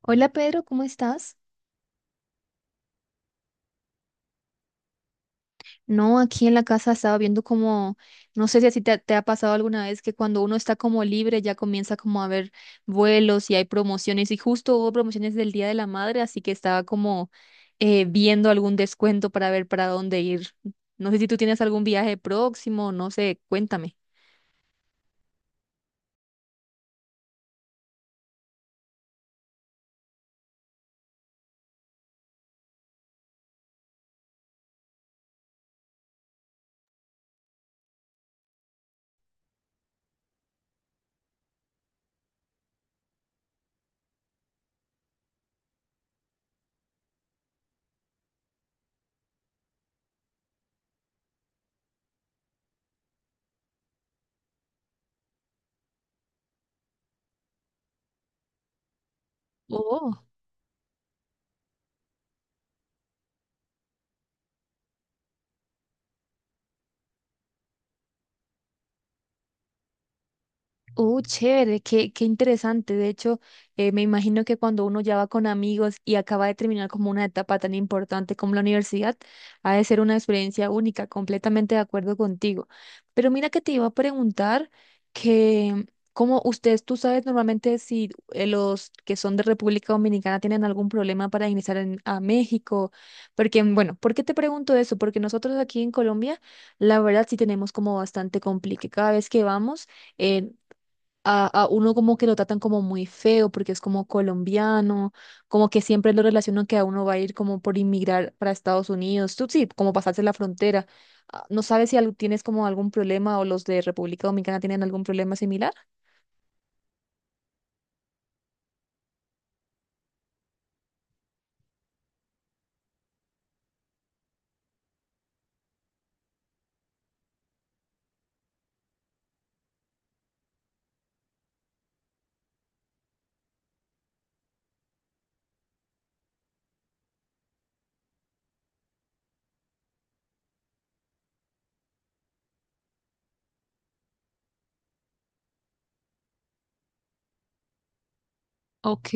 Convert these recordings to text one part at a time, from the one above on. Hola Pedro, ¿cómo estás? No, aquí en la casa estaba viendo como, no sé si así te ha pasado alguna vez que cuando uno está como libre ya comienza como a ver vuelos y hay promociones y justo hubo promociones del Día de la Madre, así que estaba como viendo algún descuento para ver para dónde ir. No sé si tú tienes algún viaje próximo, no sé, cuéntame. Chévere, qué interesante. De hecho, me imagino que cuando uno ya va con amigos y acaba de terminar como una etapa tan importante como la universidad, ha de ser una experiencia única, completamente de acuerdo contigo. Pero mira que te iba a preguntar que, como ustedes, tú sabes normalmente si los que son de República Dominicana tienen algún problema para ingresar a México, porque, bueno, ¿por qué te pregunto eso? Porque nosotros aquí en Colombia, la verdad sí tenemos como bastante complique. Cada vez que vamos, eh, a uno como que lo tratan como muy feo porque es como colombiano, como que siempre lo relacionan que a uno va a ir como por inmigrar para Estados Unidos, tú sí, como pasarse la frontera. Ah. ¿No sabes si tienes como algún problema o los de República Dominicana tienen algún problema similar? Ok.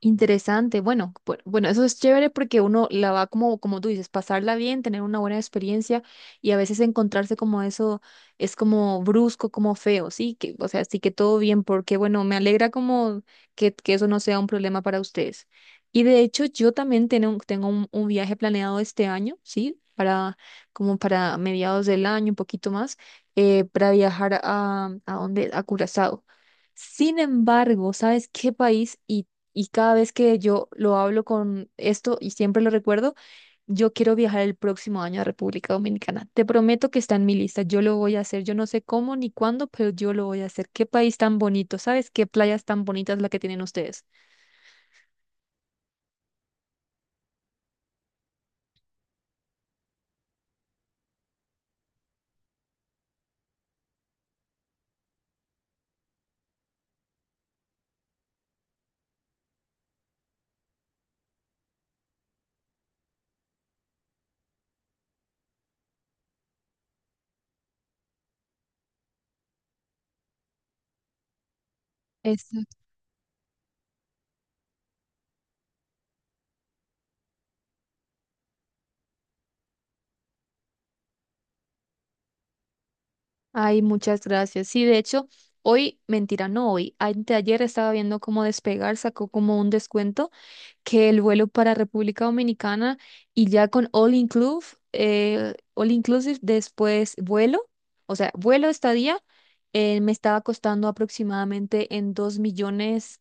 Interesante. Bueno, bueno, eso es chévere porque uno la va como, como tú dices, pasarla bien, tener una buena experiencia y a veces encontrarse como eso es como brusco, como feo, sí, que, o sea, sí que todo bien, porque bueno, me alegra como que eso no sea un problema para ustedes. Y de hecho, yo también tengo un viaje planeado este año, sí, para como para mediados del año, un poquito más, para viajar ¿a dónde? A Curazao. Sin embargo, ¿sabes qué país? Y cada vez que yo lo hablo con esto y siempre lo recuerdo, yo quiero viajar el próximo año a República Dominicana. Te prometo que está en mi lista. Yo lo voy a hacer. Yo no sé cómo ni cuándo, pero yo lo voy a hacer. Qué país tan bonito, ¿sabes? Qué playas tan bonitas la que tienen ustedes. Exacto. Ay, muchas gracias. Sí, de hecho, hoy, mentira, no hoy, anteayer estaba viendo cómo Despegar sacó como un descuento que el vuelo para República Dominicana y ya con all inclusive después vuelo, o sea, vuelo estadía, me estaba costando aproximadamente en 2 millones,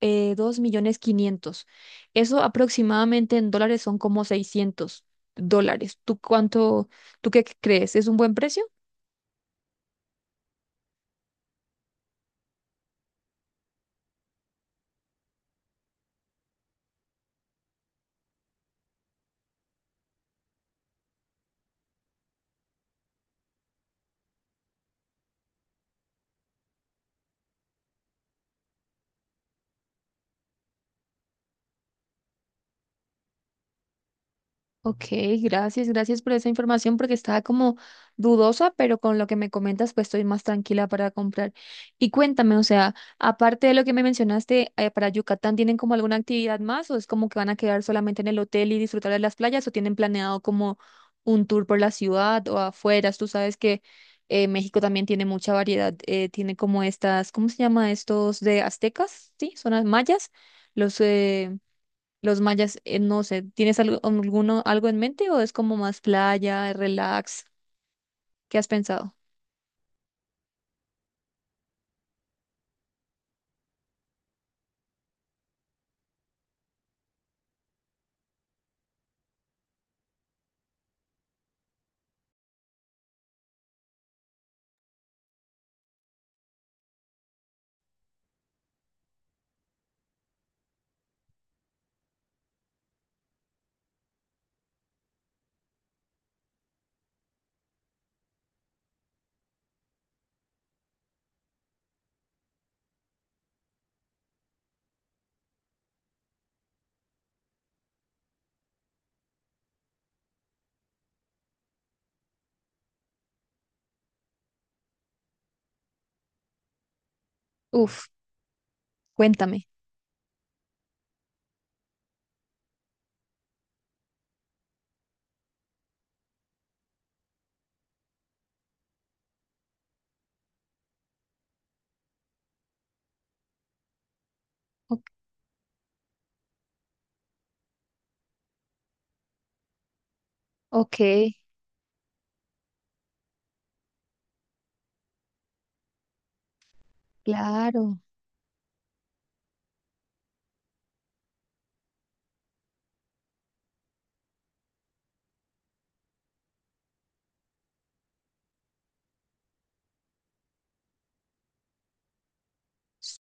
2 millones quinientos. Eso aproximadamente en dólares son como 600 dólares. ¿Tú qué crees? ¿Es un buen precio? Ok, gracias, gracias por esa información porque estaba como dudosa, pero con lo que me comentas, pues estoy más tranquila para comprar. Y cuéntame, o sea, aparte de lo que me mencionaste, para Yucatán, ¿tienen como alguna actividad más o es como que van a quedar solamente en el hotel y disfrutar de las playas o tienen planeado como un tour por la ciudad o afueras? Tú sabes que México también tiene mucha variedad, tiene como estas, ¿cómo se llama estos de aztecas? Sí, son las mayas, los... eh, los mayas, no sé, ¿tienes algo, alguno, algo en mente o es como más playa, relax? ¿Qué has pensado? Uf, cuéntame. Ok, ok, claro. S-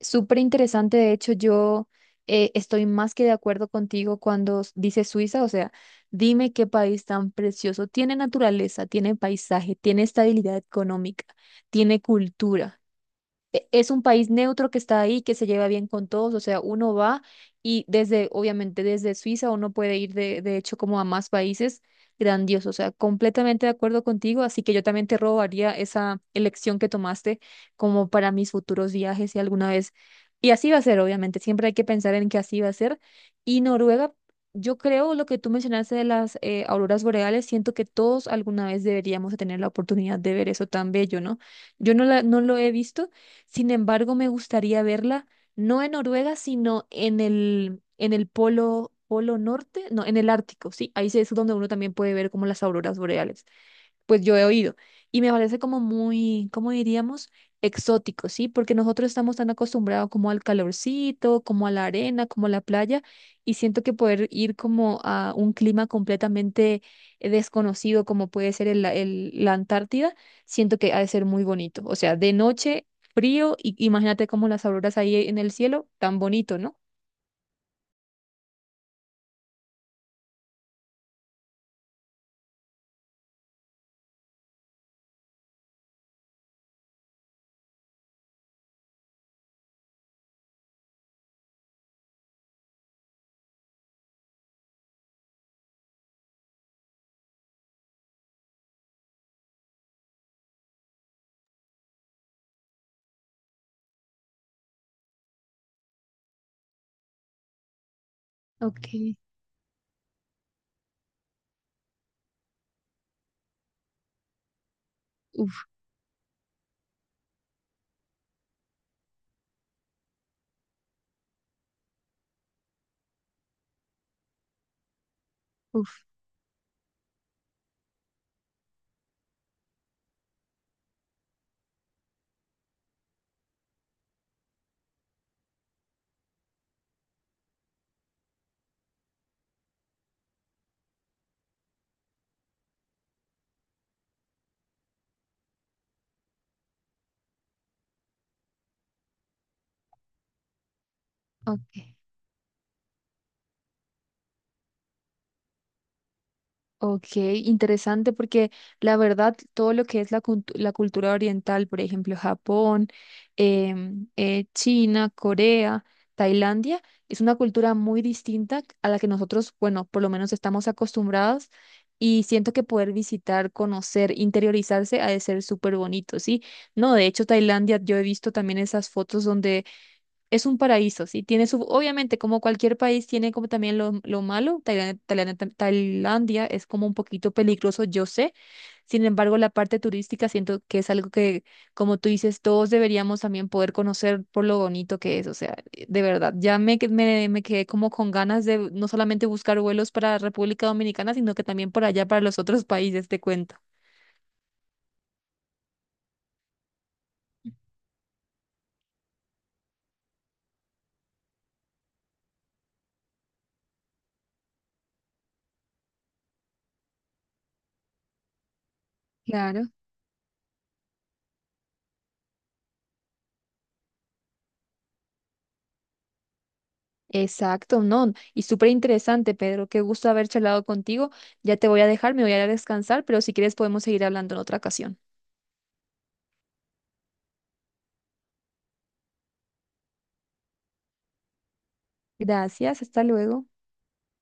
Súper interesante, de hecho, yo estoy más que de acuerdo contigo cuando dices Suiza, o sea, dime qué país tan precioso. Tiene naturaleza, tiene paisaje, tiene estabilidad económica, tiene cultura. Es un país neutro que está ahí, que se lleva bien con todos, o sea, uno va y desde, obviamente desde Suiza uno puede ir de hecho como a más países, grandioso, o sea, completamente de acuerdo contigo, así que yo también te robaría esa elección que tomaste como para mis futuros viajes y alguna vez, y así va a ser, obviamente, siempre hay que pensar en que así va a ser, y Noruega, yo creo lo que tú mencionaste de las auroras boreales, siento que todos alguna vez deberíamos de tener la oportunidad de ver eso tan bello, ¿no? Yo no, no lo he visto. Sin embargo, me gustaría verla no en Noruega, sino en el, polo norte, no, en el Ártico, sí, ahí sí es donde uno también puede ver como las auroras boreales pues yo he oído. Y me parece como muy, ¿cómo diríamos? Exótico, ¿sí? Porque nosotros estamos tan acostumbrados como al calorcito, como a la arena, como a la playa, y siento que poder ir como a un clima completamente desconocido, como puede ser la Antártida, siento que ha de ser muy bonito. O sea, de noche, frío, y imagínate como las auroras ahí en el cielo, tan bonito, ¿no? Ok, uf, uf, ok. Ok, interesante porque la verdad todo lo que es la cultura oriental, por ejemplo, Japón, China, Corea, Tailandia, es una cultura muy distinta a la que nosotros, bueno, por lo menos estamos acostumbrados y siento que poder visitar, conocer, interiorizarse ha de ser súper bonito, ¿sí? No, de hecho, Tailandia, yo he visto también esas fotos donde es un paraíso, ¿sí? Tiene su, obviamente, como cualquier país, tiene como también lo malo. Tailandia, es como un poquito peligroso, yo sé. Sin embargo, la parte turística siento que es algo que, como tú dices, todos deberíamos también poder conocer por lo bonito que es. O sea, de verdad, ya me quedé como con ganas de no solamente buscar vuelos para República Dominicana, sino que también por allá para los otros países, te cuento. Claro. Exacto, no. Y súper interesante, Pedro. Qué gusto haber charlado contigo. Ya te voy a dejar, me voy a ir a descansar, pero si quieres podemos seguir hablando en otra ocasión. Gracias, hasta luego.